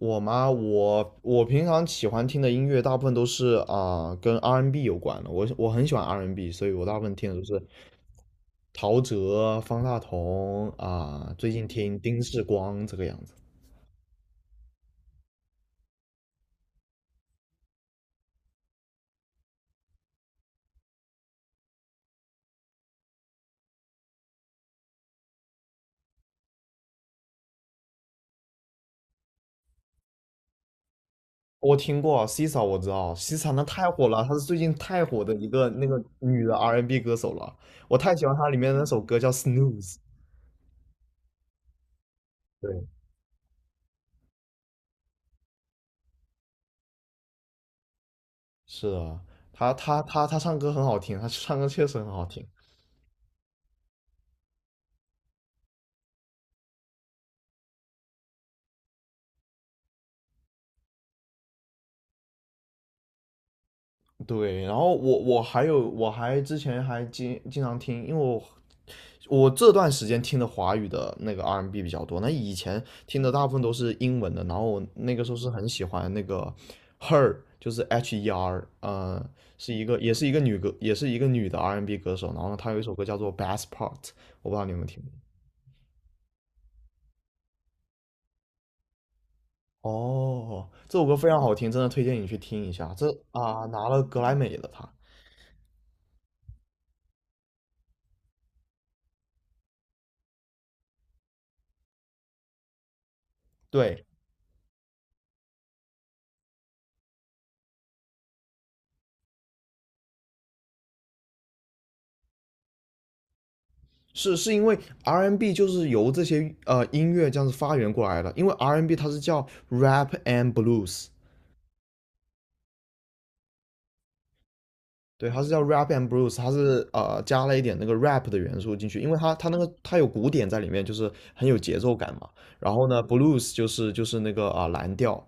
我吗？我平常喜欢听的音乐大部分都是跟 R&B 有关的。我很喜欢 R&B，所以我大部分听的都是陶喆、方大同最近听丁世光这个样子。我听过 c i s a， 我知道 c i s a 那太火了，她是最近太火的一个那个女的 R&B 歌手了。我太喜欢她里面的那首歌叫 Snooze。对，是的，她唱歌很好听，她唱歌确实很好听。对，然后我之前还经常听，因为我这段时间听的华语的那个 R&B N 比较多，那以前听的大部分都是英文的，然后我那个时候是很喜欢那个 Her，就是 H E R，是一个也是一个女歌，也是一个女的 R&B N 歌手，然后呢，她有一首歌叫做 Best Part，我不知道你有没有听过。哦，这首歌非常好听，真的推荐你去听一下。这拿了格莱美的她。对，是因为 R&B N 就是由这些音乐这样子发源过来的，因为 R&B N 它是叫 rap and blues，对，它是叫 rap and blues，它是加了一点那个 rap 的元素进去，因为它那个它有鼓点在里面，就是很有节奏感嘛。然后呢，blues 就是那个蓝调，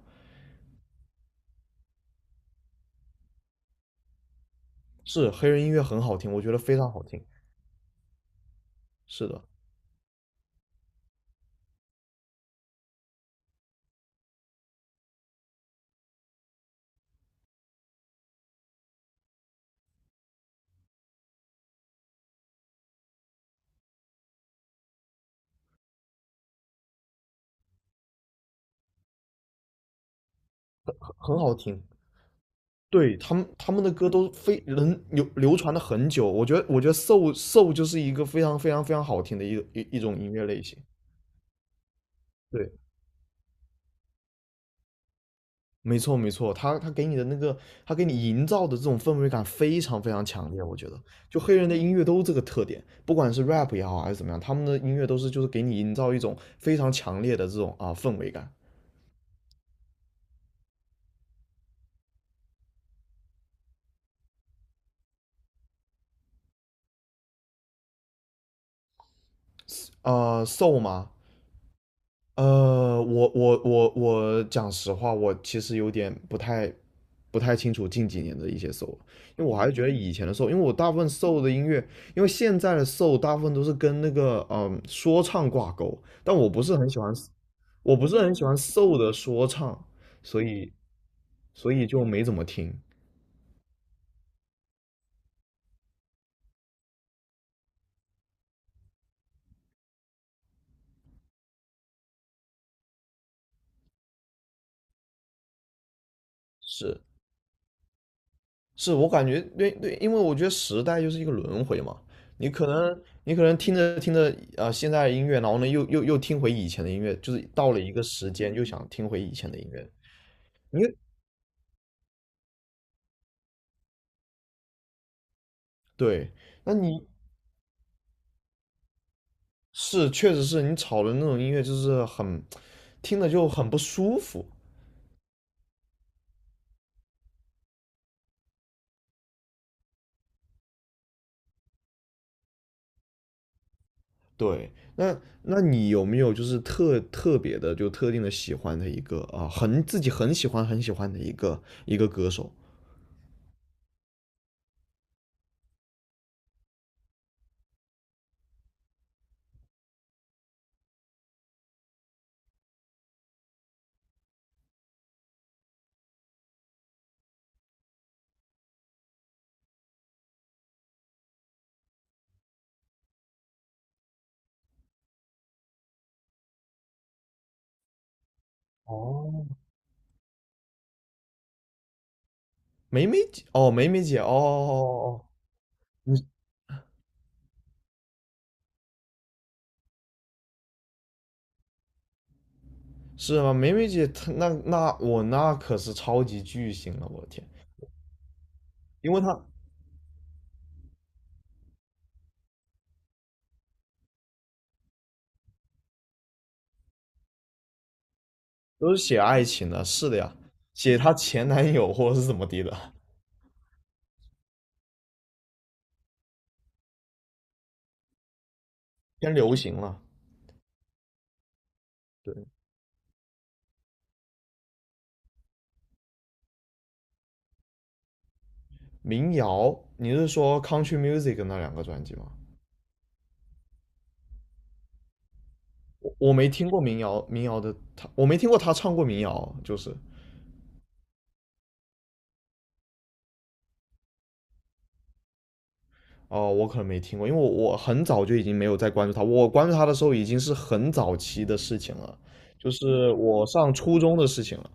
是黑人音乐很好听，我觉得非常好听，是的，很好听。对，他们的歌都非能流传了很久，我觉得 soul 就是一个非常非常非常好听的一种音乐类型。对，没错没错，他给你的那个，他给你营造的这种氛围感非常非常强烈，我觉得，就黑人的音乐都这个特点，不管是 rap 也好还是怎么样，他们的音乐都是就是给你营造一种非常强烈的这种氛围感。soul 嘛，我讲实话，我其实有点不太清楚近几年的一些 soul，因为我还是觉得以前的 soul，因为我大部分 soul 的音乐，因为现在的 soul 大部分都是跟那个说唱挂钩，但我不是很喜欢，我不是很喜欢 soul 的说唱，所以所以就没怎么听。是，是我感觉，对对，因为我觉得时代就是一个轮回嘛，你可能听着听着现在的音乐，然后呢又听回以前的音乐，就是到了一个时间又想听回以前的音乐，你对，那确实是你吵的那种音乐就是很听着就很不舒服。对，那你有没有就是特别的就特定的喜欢的一个很自己很喜欢的一个歌手？哦，梅梅姐哦，梅梅姐哦哦哦哦。你是吗？梅梅姐，她那那可是超级巨星了，我的天！因为她都是写爱情的，是的呀，写她前男友或者是怎么地的，偏流行了。对，民谣，你是说 country music 那2个专辑吗？我没听过民谣，民谣的他，我没听过他唱过民谣，就是。哦，我可能没听过，因为我很早就已经没有再关注他，我关注他的时候已经是很早期的事情了，就是我上初中的事情了。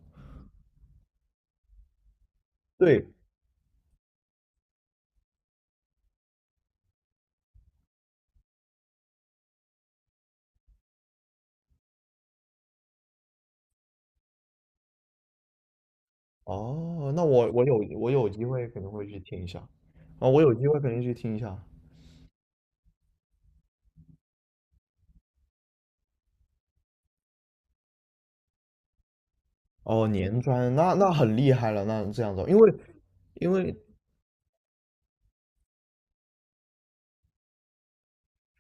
对，哦，那我有有机会肯定会去听一下，啊，我有机会肯定去听一下。哦，年专，那很厉害了，那这样子。因为因为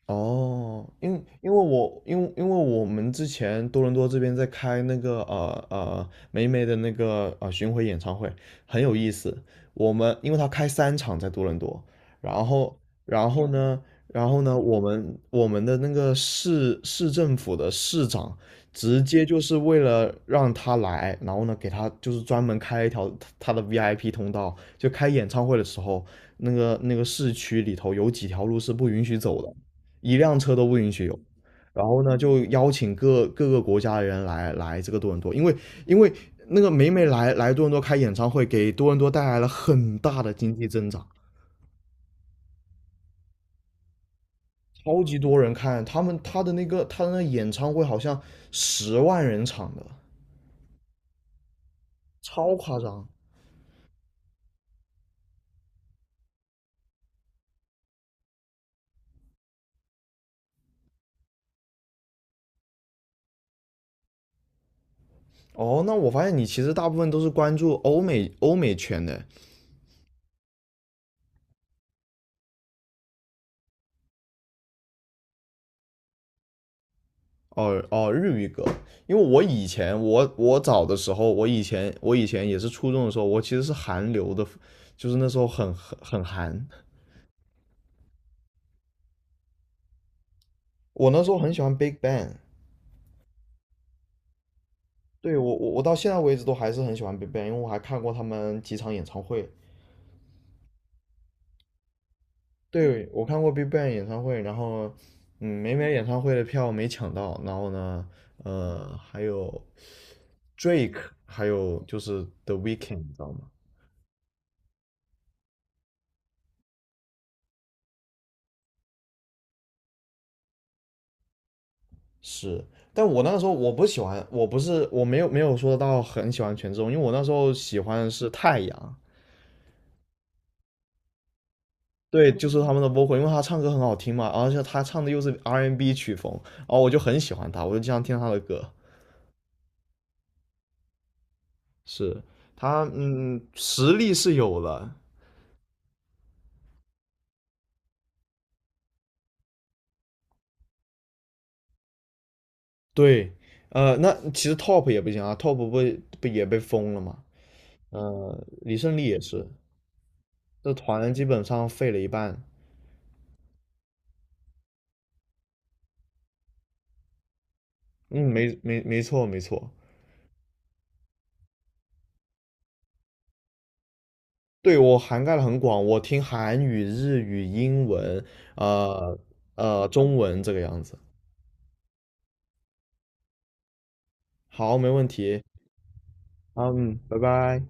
哦，因因为我因为因为我们之前多伦多这边在开那个霉霉的那个巡回演唱会，很有意思。我们因为他开3场在多伦多，然后然后呢，然后呢，我们的那个市政府的市长直接就是为了让他来，然后呢给他就是专门开一条他的 VIP 通道，就开演唱会的时候，那个市区里头有几条路是不允许走的。一辆车都不允许有。然后呢，就邀请各个国家的人来这个多伦多，因为因为那个每每来多伦多开演唱会，给多伦多带来了很大的经济增长，超级多人看他的那个演唱会好像10万人场的，超夸张。哦，那我发现你其实大部分都是关注欧美圈的，哦哦，日语歌，因为我以前我早的时候，我以前也是初中的时候，我其实是韩流的，就是那时候很韩，我那时候很喜欢 Big Bang，对，我到现在为止都还是很喜欢 Big Bang，因为我还看过他们几场演唱会，对我看过 Big Bang 演唱会，然后没买演唱会的票没抢到，然后呢还有 Drake，还有就是 The Weeknd，你知道吗？是，但我那个时候我不喜欢，我不是我没有没有说到很喜欢权志龙，因为我那时候喜欢的是太阳，对，就是他们的 v o， 因为他唱歌很好听嘛，而且他唱的又是 R&B 曲风，然后我就很喜欢他，我就经常听他的歌。是他，嗯，实力是有了，对，那其实 Top 也不行啊，Top 不也被封了嘛，李胜利也是，这团基本上废了一半，嗯，没错没错，对，我涵盖的很广，我听韩语、日语、英文，呃呃，中文这个样子。好，没问题。好，嗯，拜拜。